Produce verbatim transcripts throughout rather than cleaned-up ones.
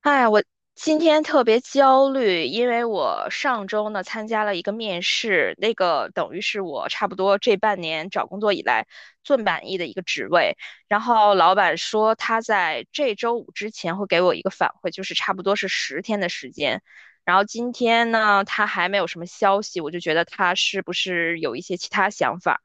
哎，我今天特别焦虑，因为我上周呢参加了一个面试，那个等于是我差不多这半年找工作以来最满意的一个职位。然后老板说他在这周五之前会给我一个反馈，就是差不多是十天的时间。然后今天呢，他还没有什么消息，我就觉得他是不是有一些其他想法。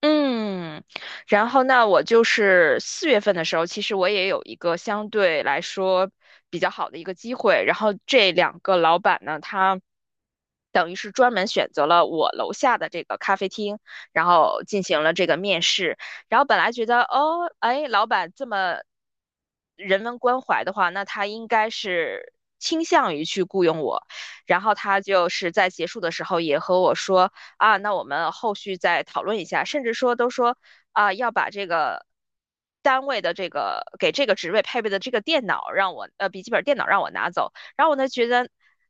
嗯，然后那我就是四月份的时候，其实我也有一个相对来说比较好的一个机会。然后这两个老板呢，他等于是专门选择了我楼下的这个咖啡厅，然后进行了这个面试。然后本来觉得，哦，哎，老板这么人文关怀的话，那他应该是倾向于去雇佣我。然后他就是在结束的时候也和我说。啊，那我们后续再讨论一下，甚至说都说啊，要把这个单位的这个给这个职位配备的这个电脑让我呃笔记本电脑让我拿走，然后我呢觉得。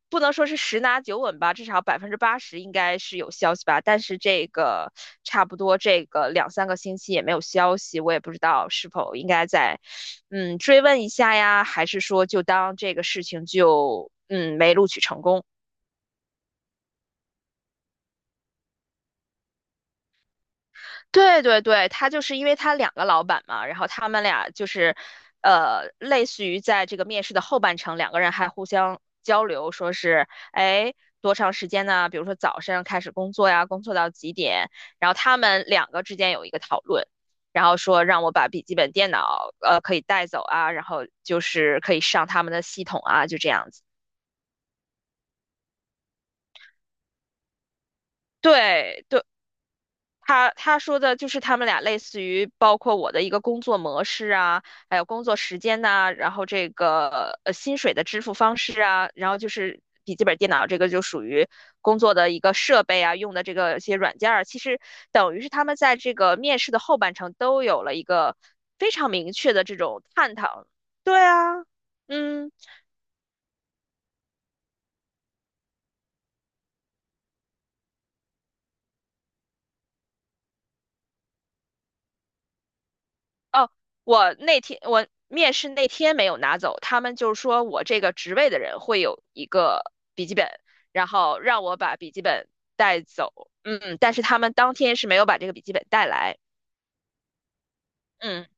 不能说是十拿九稳吧，至少百分之八十应该是有消息吧。但是这个差不多这个两三个星期也没有消息，我也不知道是否应该再嗯追问一下呀，还是说就当这个事情就嗯没录取成功。对对对，他就是因为他两个老板嘛，然后他们俩就是，呃，类似于在这个面试的后半程，两个人还互相交流，说是，哎，多长时间呢？比如说早上开始工作呀，工作到几点？然后他们两个之间有一个讨论，然后说让我把笔记本电脑，呃，可以带走啊，然后就是可以上他们的系统啊，就这样子。对对，他他说的就是他们俩类似于包括我的一个工作模式啊，还有工作时间呐、然后这个呃薪水的支付方式啊，然后就是笔记本电脑这个就属于工作的一个设备啊，用的这个一些软件儿，其实等于是他们在这个面试的后半程都有了一个非常明确的这种探讨。对啊，嗯。哦，我那天我面试那天没有拿走，他们就是说我这个职位的人会有一个笔记本，然后让我把笔记本带走。嗯，但是他们当天是没有把这个笔记本带来。嗯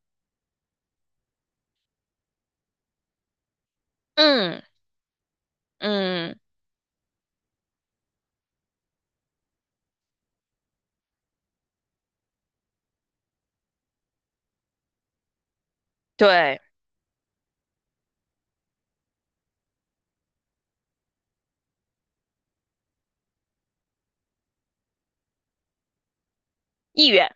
嗯嗯，对，意愿。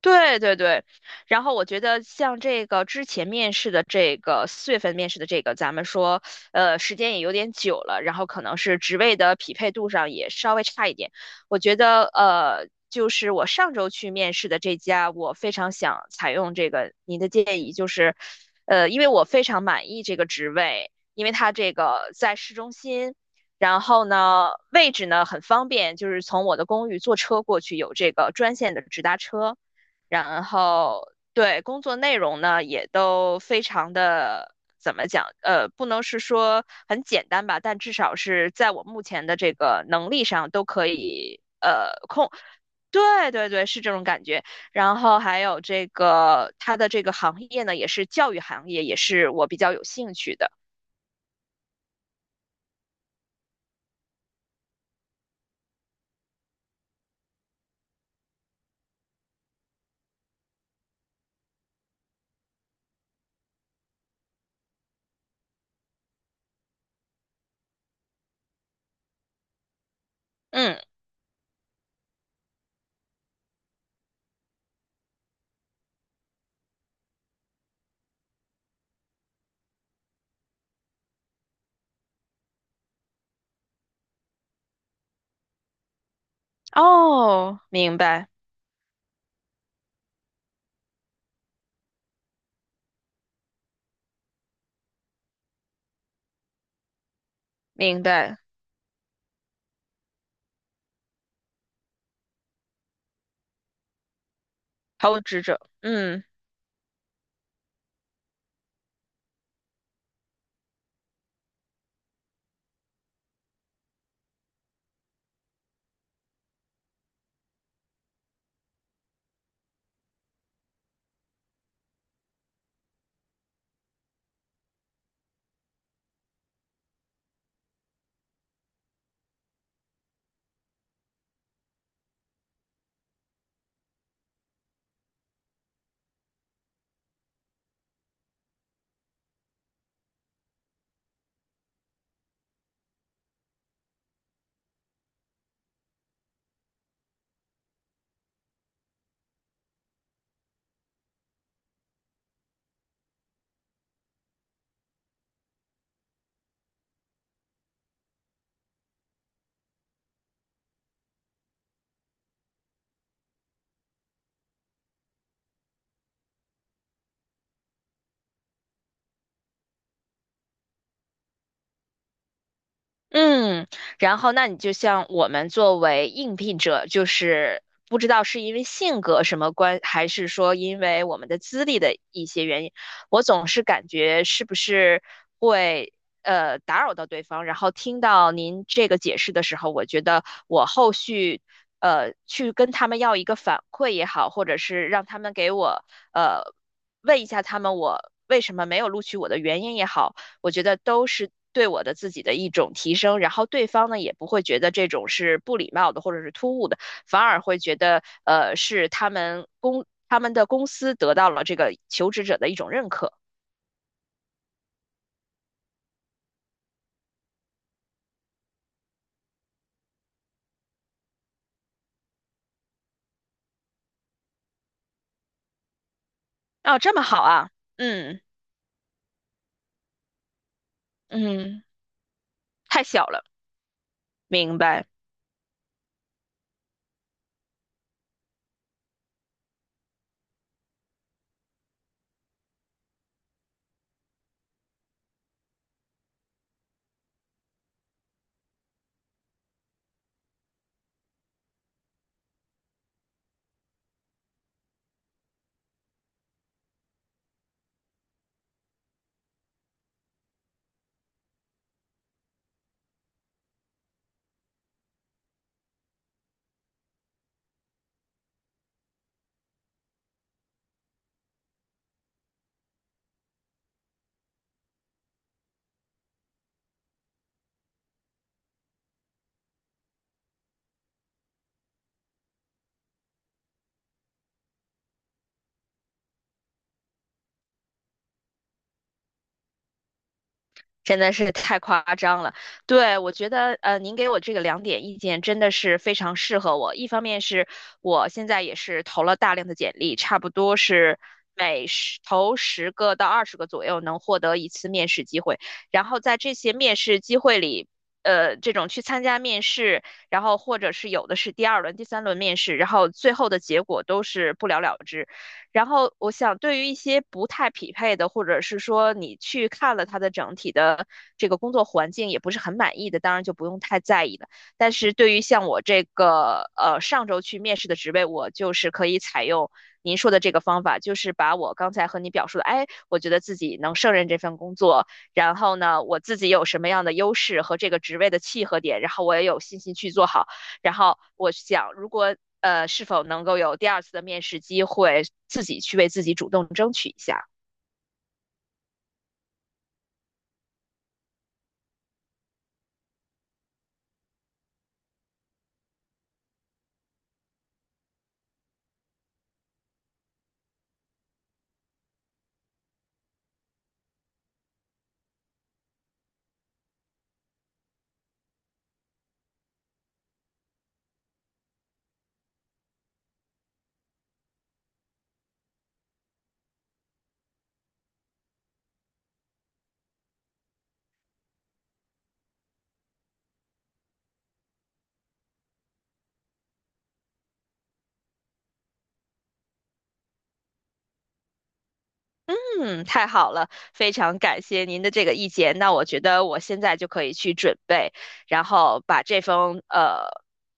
对对对，然后我觉得像这个之前面试的这个四月份面试的这个，咱们说，呃，时间也有点久了，然后可能是职位的匹配度上也稍微差一点。我觉得，呃，就是我上周去面试的这家，我非常想采用这个您的建议，就是，呃，因为我非常满意这个职位，因为它这个在市中心。然后呢，位置呢很方便，就是从我的公寓坐车过去，有这个专线的直达车。然后对工作内容呢，也都非常的怎么讲？呃，不能是说很简单吧，但至少是在我目前的这个能力上都可以呃控。对对对，是这种感觉。然后还有这个它的这个行业呢，也是教育行业，也是我比较有兴趣的。嗯，哦，明白明白，投资职者，嗯。嗯，然后那你就像我们作为应聘者，就是不知道是因为性格什么关，还是说因为我们的资历的一些原因，我总是感觉是不是会呃打扰到对方。然后听到您这个解释的时候，我觉得我后续呃去跟他们要一个反馈也好，或者是让他们给我呃问一下他们我为什么没有录取我的原因也好。我觉得都是对我的自己的一种提升，然后对方呢也不会觉得这种是不礼貌的或者是突兀的，反而会觉得呃是他们公他们的公司得到了这个求职者的一种认可。哦，这么好啊，嗯嗯，太小了，明白。真的是太夸张了，对，我觉得呃，您给我这个两点意见真的是非常适合我。一方面是我现在也是投了大量的简历，差不多是每十投十个到二十个左右能获得一次面试机会。然后在这些面试机会里，呃，这种去参加面试，然后或者是有的是第二轮、第三轮面试，然后最后的结果都是不了了之。然后我想，对于一些不太匹配的，或者是说你去看了他的整体的这个工作环境也不是很满意的，当然就不用太在意了。但是对于像我这个呃上周去面试的职位，我就是可以采用您说的这个方法，就是把我刚才和你表述的，哎，我觉得自己能胜任这份工作，然后呢，我自己有什么样的优势和这个职位的契合点，然后我也有信心去做好。然后我想，如果呃是否能够有第二次的面试机会，自己去为自己主动争取一下。嗯，太好了，非常感谢您的这个意见。那我觉得我现在就可以去准备，然后把这封呃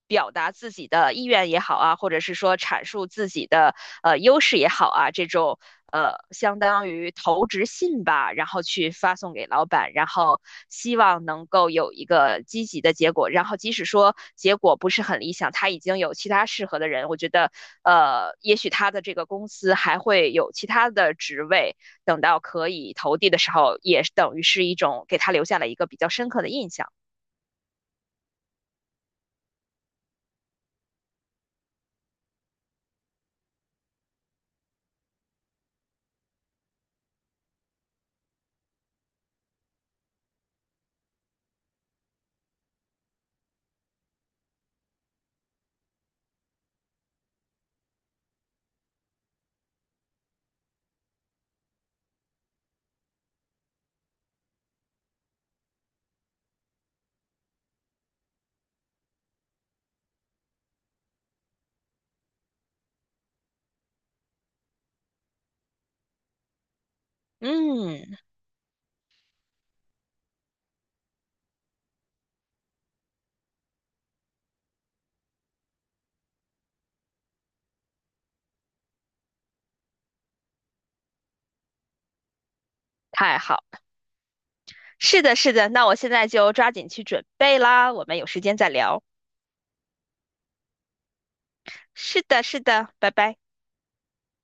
表达自己的意愿也好啊，或者是说阐述自己的呃优势也好啊，这种呃相当于投职信吧，然后去发送给老板，然后希望能够有一个积极的结果。然后即使说结果不是很理想，他已经有其他适合的人，我觉得呃，也许他的这个公司还会有其他的职位。等到可以投递的时候，也等于是一种给他留下了一个比较深刻的印象。嗯，太好，是的，是的，那我现在就抓紧去准备啦，我们有时间再聊。是的，是的，拜拜。